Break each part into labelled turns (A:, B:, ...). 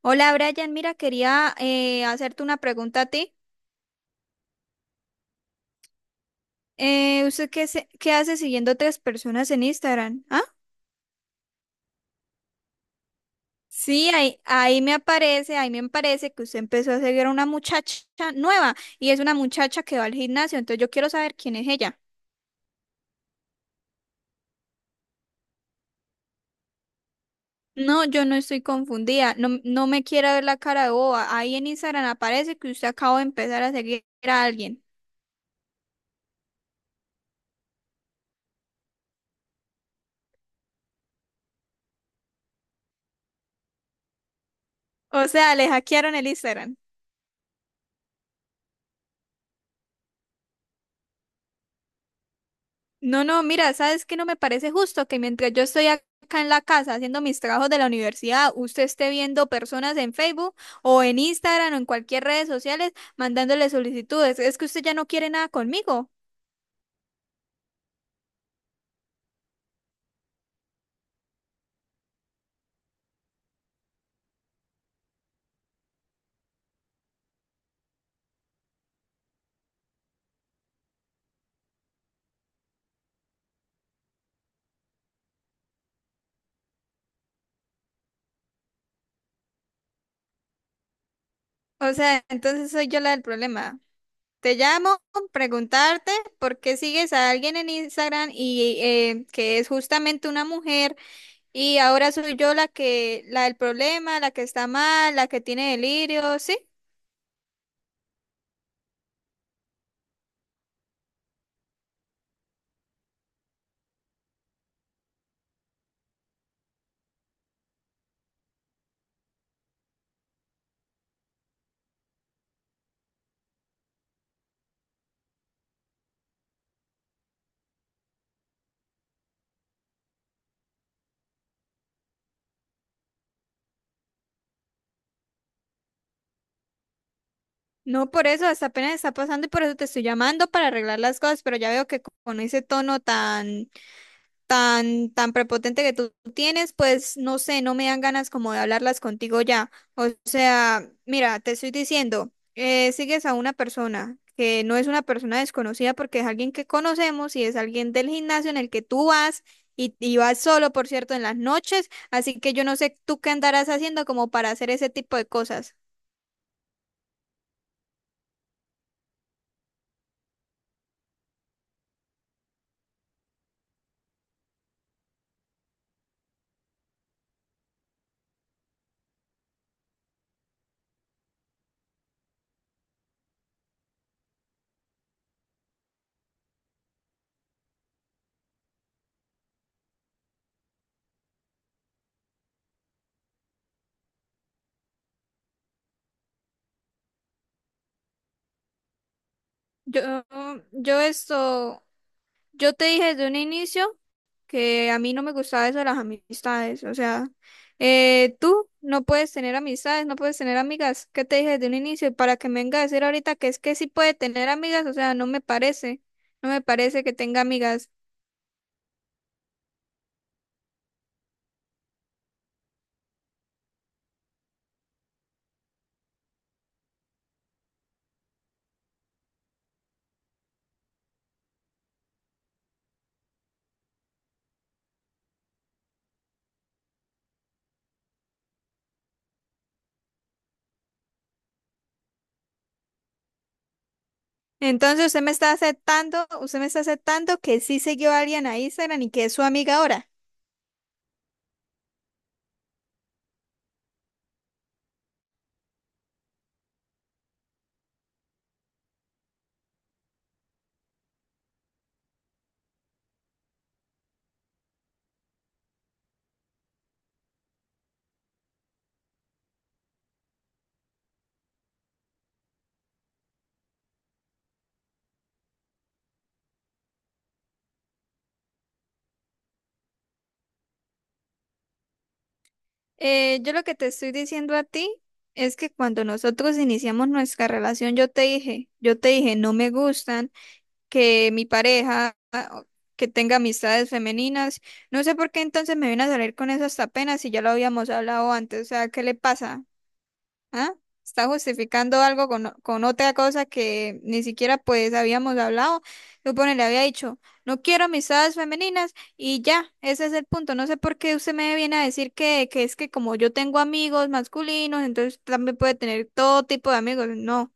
A: Hola Brian, mira, quería hacerte una pregunta a ti. ¿Usted qué hace siguiendo tres personas en Instagram? ¿Ah? Sí, ahí me aparece que usted empezó a seguir a una muchacha nueva y es una muchacha que va al gimnasio, entonces yo quiero saber quién es ella. No, yo no estoy confundida, no, no me quiera ver la cara de boba. Ahí en Instagram aparece que usted acaba de empezar a seguir a alguien. O sea, le hackearon el Instagram. No, no, mira, ¿sabes qué? No me parece justo que mientras yo estoy acá en la casa haciendo mis trabajos de la universidad, usted esté viendo personas en Facebook o en Instagram o en cualquier redes sociales mandándole solicitudes. Es que usted ya no quiere nada conmigo. O sea, entonces soy yo la del problema. Te llamo, preguntarte por qué sigues a alguien en Instagram y que es justamente una mujer y ahora soy yo la del problema, la que está mal, la que tiene delirio, ¿sí? No, por eso, hasta apenas está pasando y por eso te estoy llamando para arreglar las cosas, pero ya veo que con ese tono tan, tan, tan prepotente que tú tienes, pues no sé, no me dan ganas como de hablarlas contigo ya. O sea, mira, te estoy diciendo, sigues a una persona que no es una persona desconocida porque es alguien que conocemos y es alguien del gimnasio en el que tú vas y vas solo, por cierto, en las noches, así que yo no sé tú qué andarás haciendo como para hacer ese tipo de cosas. Yo, yo esto. Yo te dije desde un inicio que a mí no me gustaba eso de las amistades. O sea, tú no puedes tener amistades, no puedes tener amigas. ¿Qué te dije desde un inicio? Y para que me venga a decir ahorita que es que sí puede tener amigas, o sea, no me parece. No me parece que tenga amigas. Entonces usted me está aceptando, usted me está aceptando que sí siguió a alguien a Instagram y que es su amiga ahora. Yo lo que te estoy diciendo a ti es que cuando nosotros iniciamos nuestra relación, yo te dije, no me gustan que mi pareja ah, que tenga amistades femeninas. No sé por qué entonces me viene a salir con eso hasta apenas si ya lo habíamos hablado antes. O sea, ¿qué le pasa? ¿Ah? Está justificando algo con otra cosa que ni siquiera pues habíamos hablado. Supone, le había dicho, no quiero amistades femeninas y ya, ese es el punto. No sé por qué usted me viene a decir que es que como yo tengo amigos masculinos, entonces también puede tener todo tipo de amigos. No.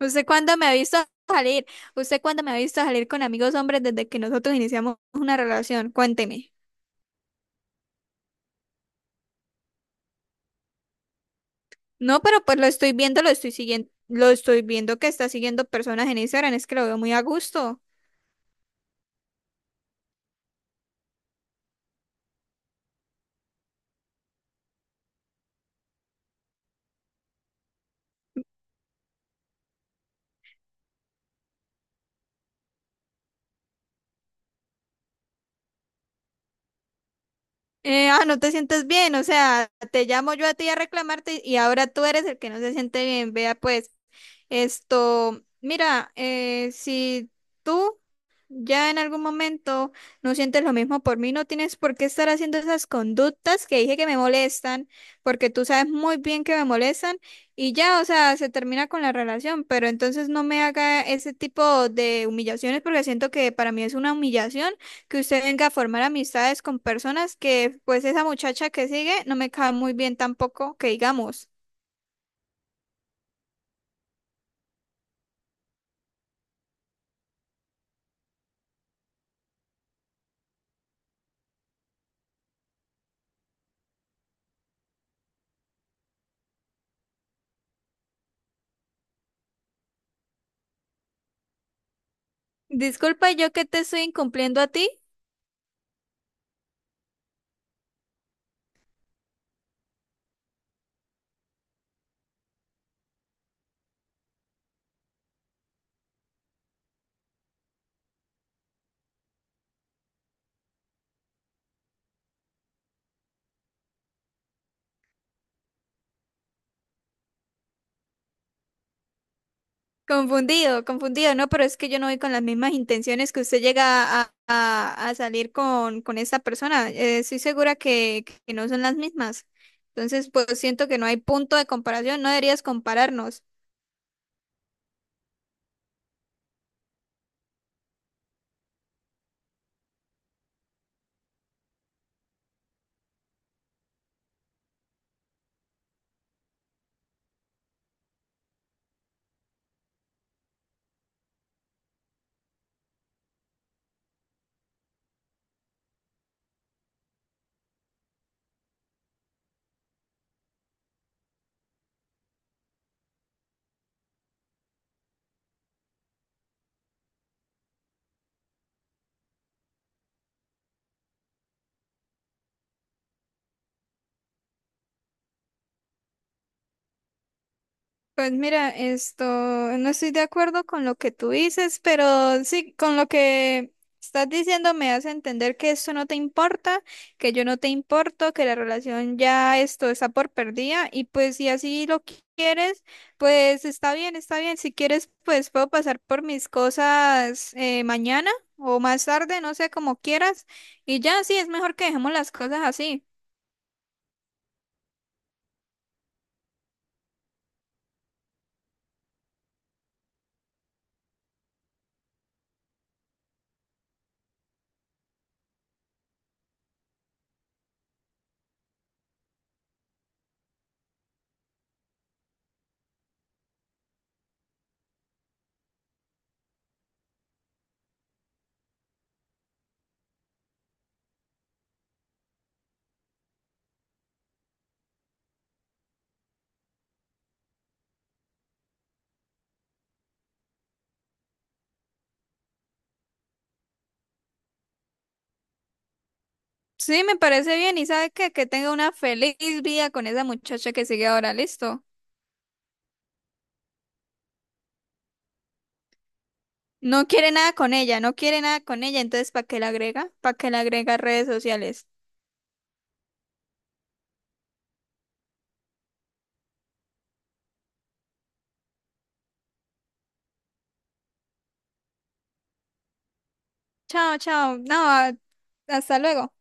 A: ¿Usted cuándo me ha visto salir? ¿Usted cuándo me ha visto salir con amigos hombres desde que nosotros iniciamos una relación? Cuénteme. No, pero pues lo estoy viendo, lo estoy siguiendo, lo estoy viendo que está siguiendo personas en Instagram, es que lo veo muy a gusto. No te sientes bien, o sea, te llamo yo a ti a reclamarte y ahora tú eres el que no se siente bien. Vea pues, esto, mira, si tú ya en algún momento no sientes lo mismo por mí, no tienes por qué estar haciendo esas conductas que dije que me molestan, porque tú sabes muy bien que me molestan y ya, o sea, se termina con la relación, pero entonces no me haga ese tipo de humillaciones porque siento que para mí es una humillación que usted venga a formar amistades con personas que pues esa muchacha que sigue no me cae muy bien tampoco, que digamos. Disculpa, yo que te estoy incumpliendo a ti. Confundido, confundido, no, pero es que yo no voy con las mismas intenciones que usted llega a, a salir con esta persona. Estoy segura que no son las mismas. Entonces, pues siento que no hay punto de comparación, no deberías compararnos. Pues mira, esto, no estoy de acuerdo con lo que tú dices, pero sí, con lo que estás diciendo me hace entender que eso no te importa, que yo no te importo, que la relación ya esto está por perdida y pues si así lo quieres, pues está bien, está bien. Si quieres, pues puedo pasar por mis cosas mañana o más tarde, no sé, como quieras. Y ya, sí, es mejor que dejemos las cosas así. Sí, me parece bien. ¿Y sabe qué? Que tenga una feliz vida con esa muchacha que sigue ahora, listo. No quiere nada con ella, no quiere nada con ella, entonces ¿para qué la agrega? ¿Para qué la agrega a redes sociales? Chao, chao. No, hasta luego.